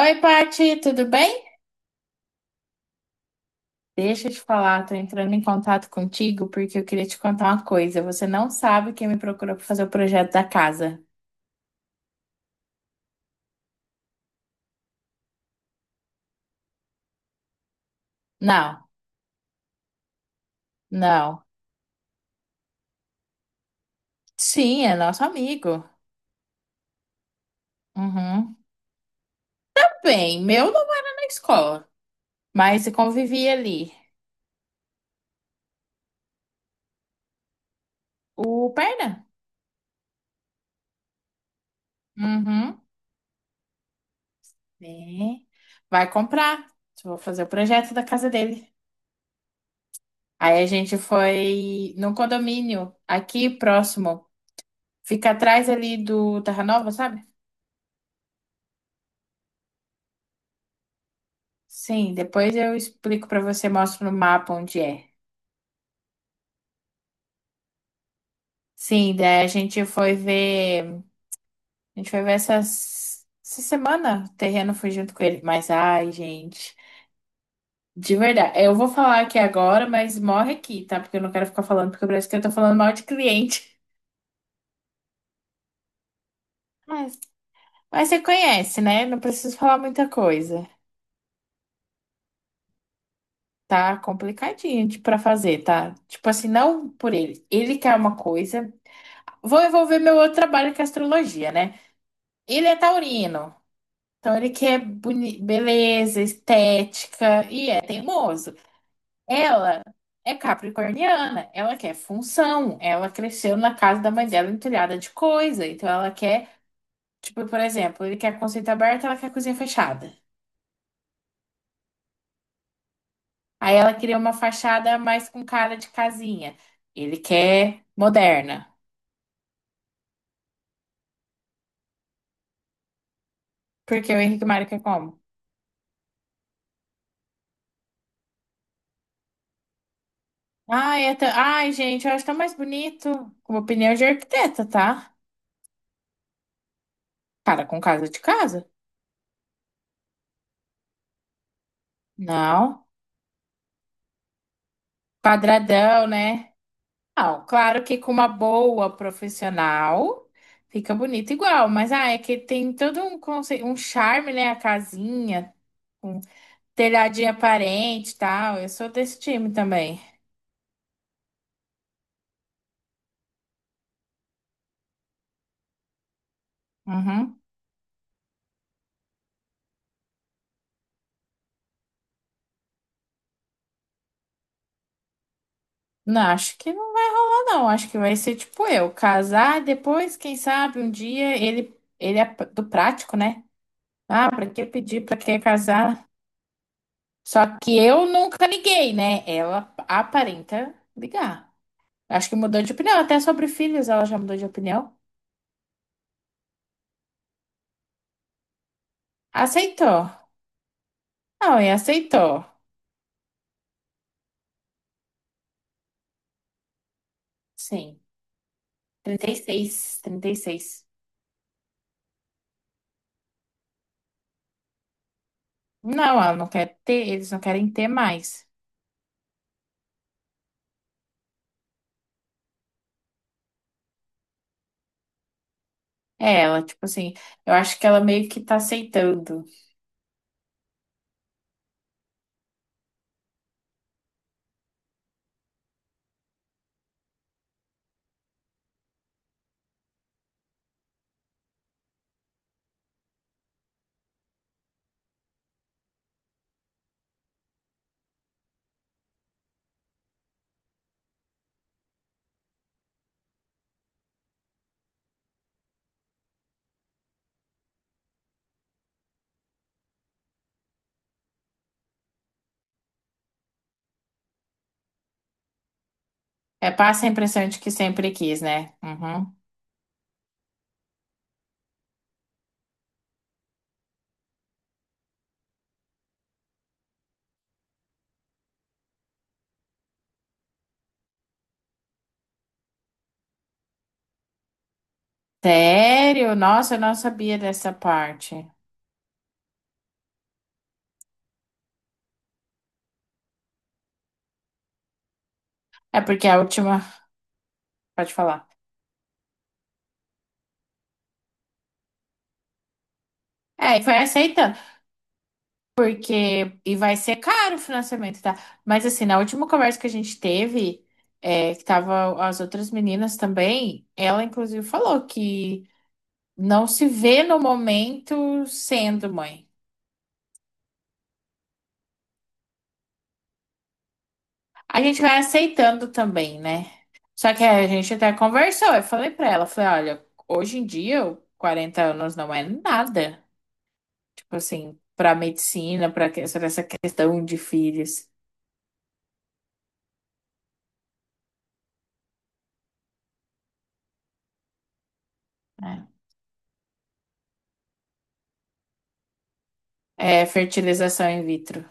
Oi, Paty, tudo bem? Deixa eu te falar, tô entrando em contato contigo porque eu queria te contar uma coisa. Você não sabe quem me procurou para fazer o projeto da casa. Não, não. Sim, é nosso amigo. Uhum. Bem, meu não era na escola, mas eu convivia ali. O Perna. Uhum. Bem. Vai comprar. Vou fazer o projeto da casa dele. Aí a gente foi num condomínio aqui próximo. Fica atrás ali do Terra Nova, sabe? Sim, depois eu explico pra você, mostro no mapa onde é. Sim, daí a gente foi ver, a gente foi ver essas, essa semana, o terreno foi junto com ele, mas ai, gente, de verdade, eu vou falar aqui agora, mas morre aqui, tá? Porque eu não quero ficar falando, porque parece que eu tô falando mal de cliente. Mas, mas você conhece, né? Não preciso falar muita coisa. Tá complicadinho de- pra fazer, tá? Tipo assim, não por ele. Ele quer uma coisa. Vou envolver meu outro trabalho que é astrologia, né? Ele é taurino. Então ele quer boni- beleza, estética e é teimoso. Ela é capricorniana, ela quer função, ela cresceu na casa da mãe dela entulhada de coisa, então ela quer, tipo, por exemplo, ele quer conceito aberto, ela quer cozinha fechada. Aí ela queria uma fachada mais com cara de casinha. Ele quer moderna. Porque o Henrique Mário quer como? Ai, é tão- Ai, gente, eu acho tão mais bonito. Com opinião de arquiteta, tá? Cara com casa de casa. Não. Quadradão, né? Não, claro que com uma boa profissional fica bonito igual, mas ah, é que tem todo um conce... um charme, né? A casinha, um telhadinho aparente e tal. Eu sou desse time também. Uhum. Não, acho que não vai rolar, não. Acho que vai ser tipo eu, casar, depois, quem sabe, um dia ele, ele é do prático, né? Ah, pra que pedir, pra que casar? Só que eu nunca liguei, né? Ela aparenta ligar. Acho que mudou de opinião. Até sobre filhos ela já mudou de opinião. Aceitou. Não, e aceitou. Sim. 36, 36. Não, ela não quer ter, eles não querem ter mais. É, ela, tipo assim, eu acho que ela meio que tá aceitando. É, passa a impressão de que sempre quis, né? Uhum. Sério? Nossa, eu não sabia dessa parte. É porque a última. Pode falar. É, e foi aceitando. Porque, e vai ser caro o financiamento, tá? Mas assim, na última conversa que a gente teve, é, que tava as outras meninas também, ela inclusive falou que não se vê no momento sendo mãe. A gente vai aceitando também, né? Só que a gente até conversou, eu falei pra ela, falei, olha, hoje em dia, 40 anos não é nada. Tipo assim, pra medicina, pra que- sobre essa questão de filhos, né? É fertilização in vitro.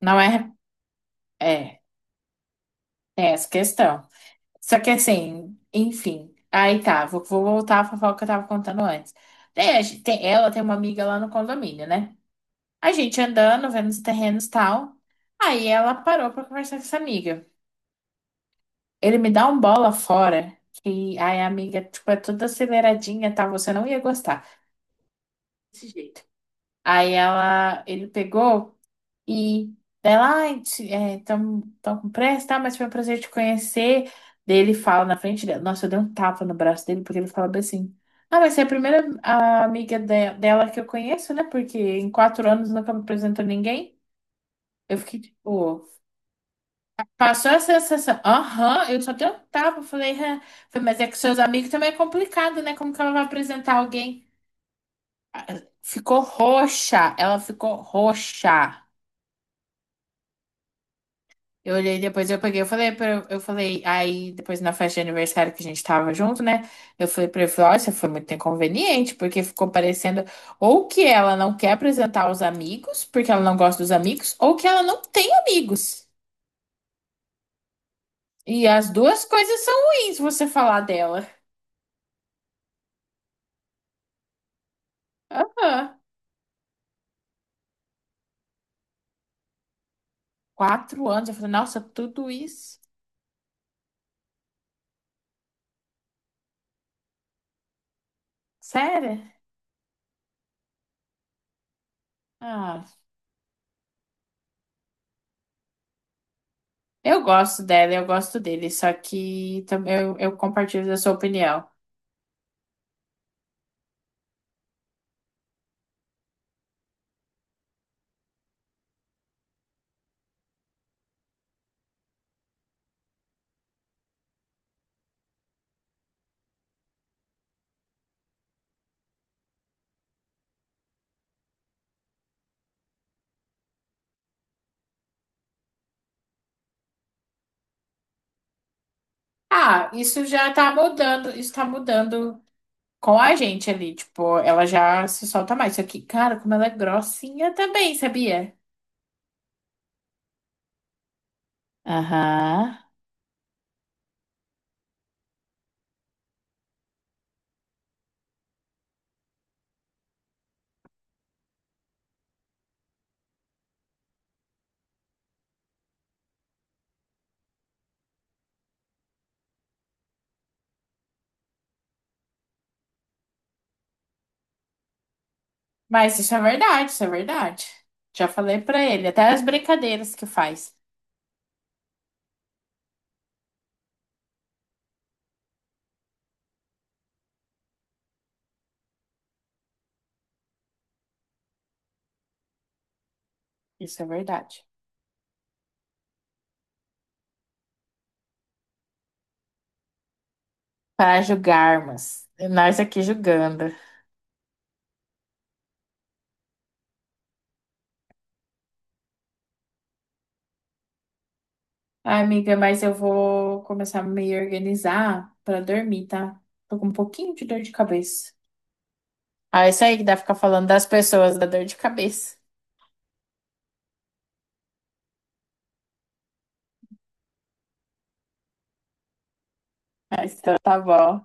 Não é. É. É essa questão. Só que assim, enfim. Aí tá, vou voltar à fofoca que eu tava contando antes. Daí a gen- tem, ela tem uma amiga lá no condomínio, né? A gente andando, vendo os terrenos e tal. Aí ela parou pra conversar com essa amiga. Ele me dá um bola fora, que aí a amiga, tipo, é toda aceleradinha, tá? Você não ia gostar desse jeito. Aí ela, ele pegou. E dela, ai, estão com pressa, tá? Mas foi um prazer te conhecer. Daí ele fala na frente dela. Nossa, eu dei um tapa no braço dele, porque ele fala bem assim. Ah, mas você é a primeira amiga de- dela que eu conheço, né? Porque em quatro anos nunca me apresentou ninguém. Eu fiquei tipo, passou a sensação. Aham, eu só dei um tapa. Falei, "Hã." Falei, mas é que seus amigos também é complicado, né? Como que ela vai apresentar alguém? Ah, ficou roxa, ela ficou roxa. Eu olhei depois, eu peguei, eu falei, aí depois na festa de aniversário que a gente tava junto, né? Eu falei pra ele, falei, ó, isso foi muito inconveniente, porque ficou parecendo ou que ela não quer apresentar os amigos, porque ela não gosta dos amigos, ou que ela não tem amigos. E as duas coisas são ruins, se você falar dela. Aham. Quatro anos, eu falei, nossa, tudo isso? Sério? Ah, eu gosto dela, eu gosto dele, só que também eu compartilho da sua opinião. Ah, isso já tá mudando, isso tá mudando com a gente ali, tipo, ela já se solta mais. Só que, cara, como ela é grossinha também, sabia? Aham. Mas isso é verdade, isso é verdade. Já falei pra ele, até as brincadeiras que faz. Isso é verdade. Para julgarmos. Nós aqui julgando. Ai, amiga, mas eu vou começar a me organizar pra dormir, tá? Tô com um pouquinho de dor de cabeça. Ah, isso aí que dá pra ficar falando das pessoas, da dor de cabeça. Ah, então, tá bom.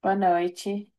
Boa noite.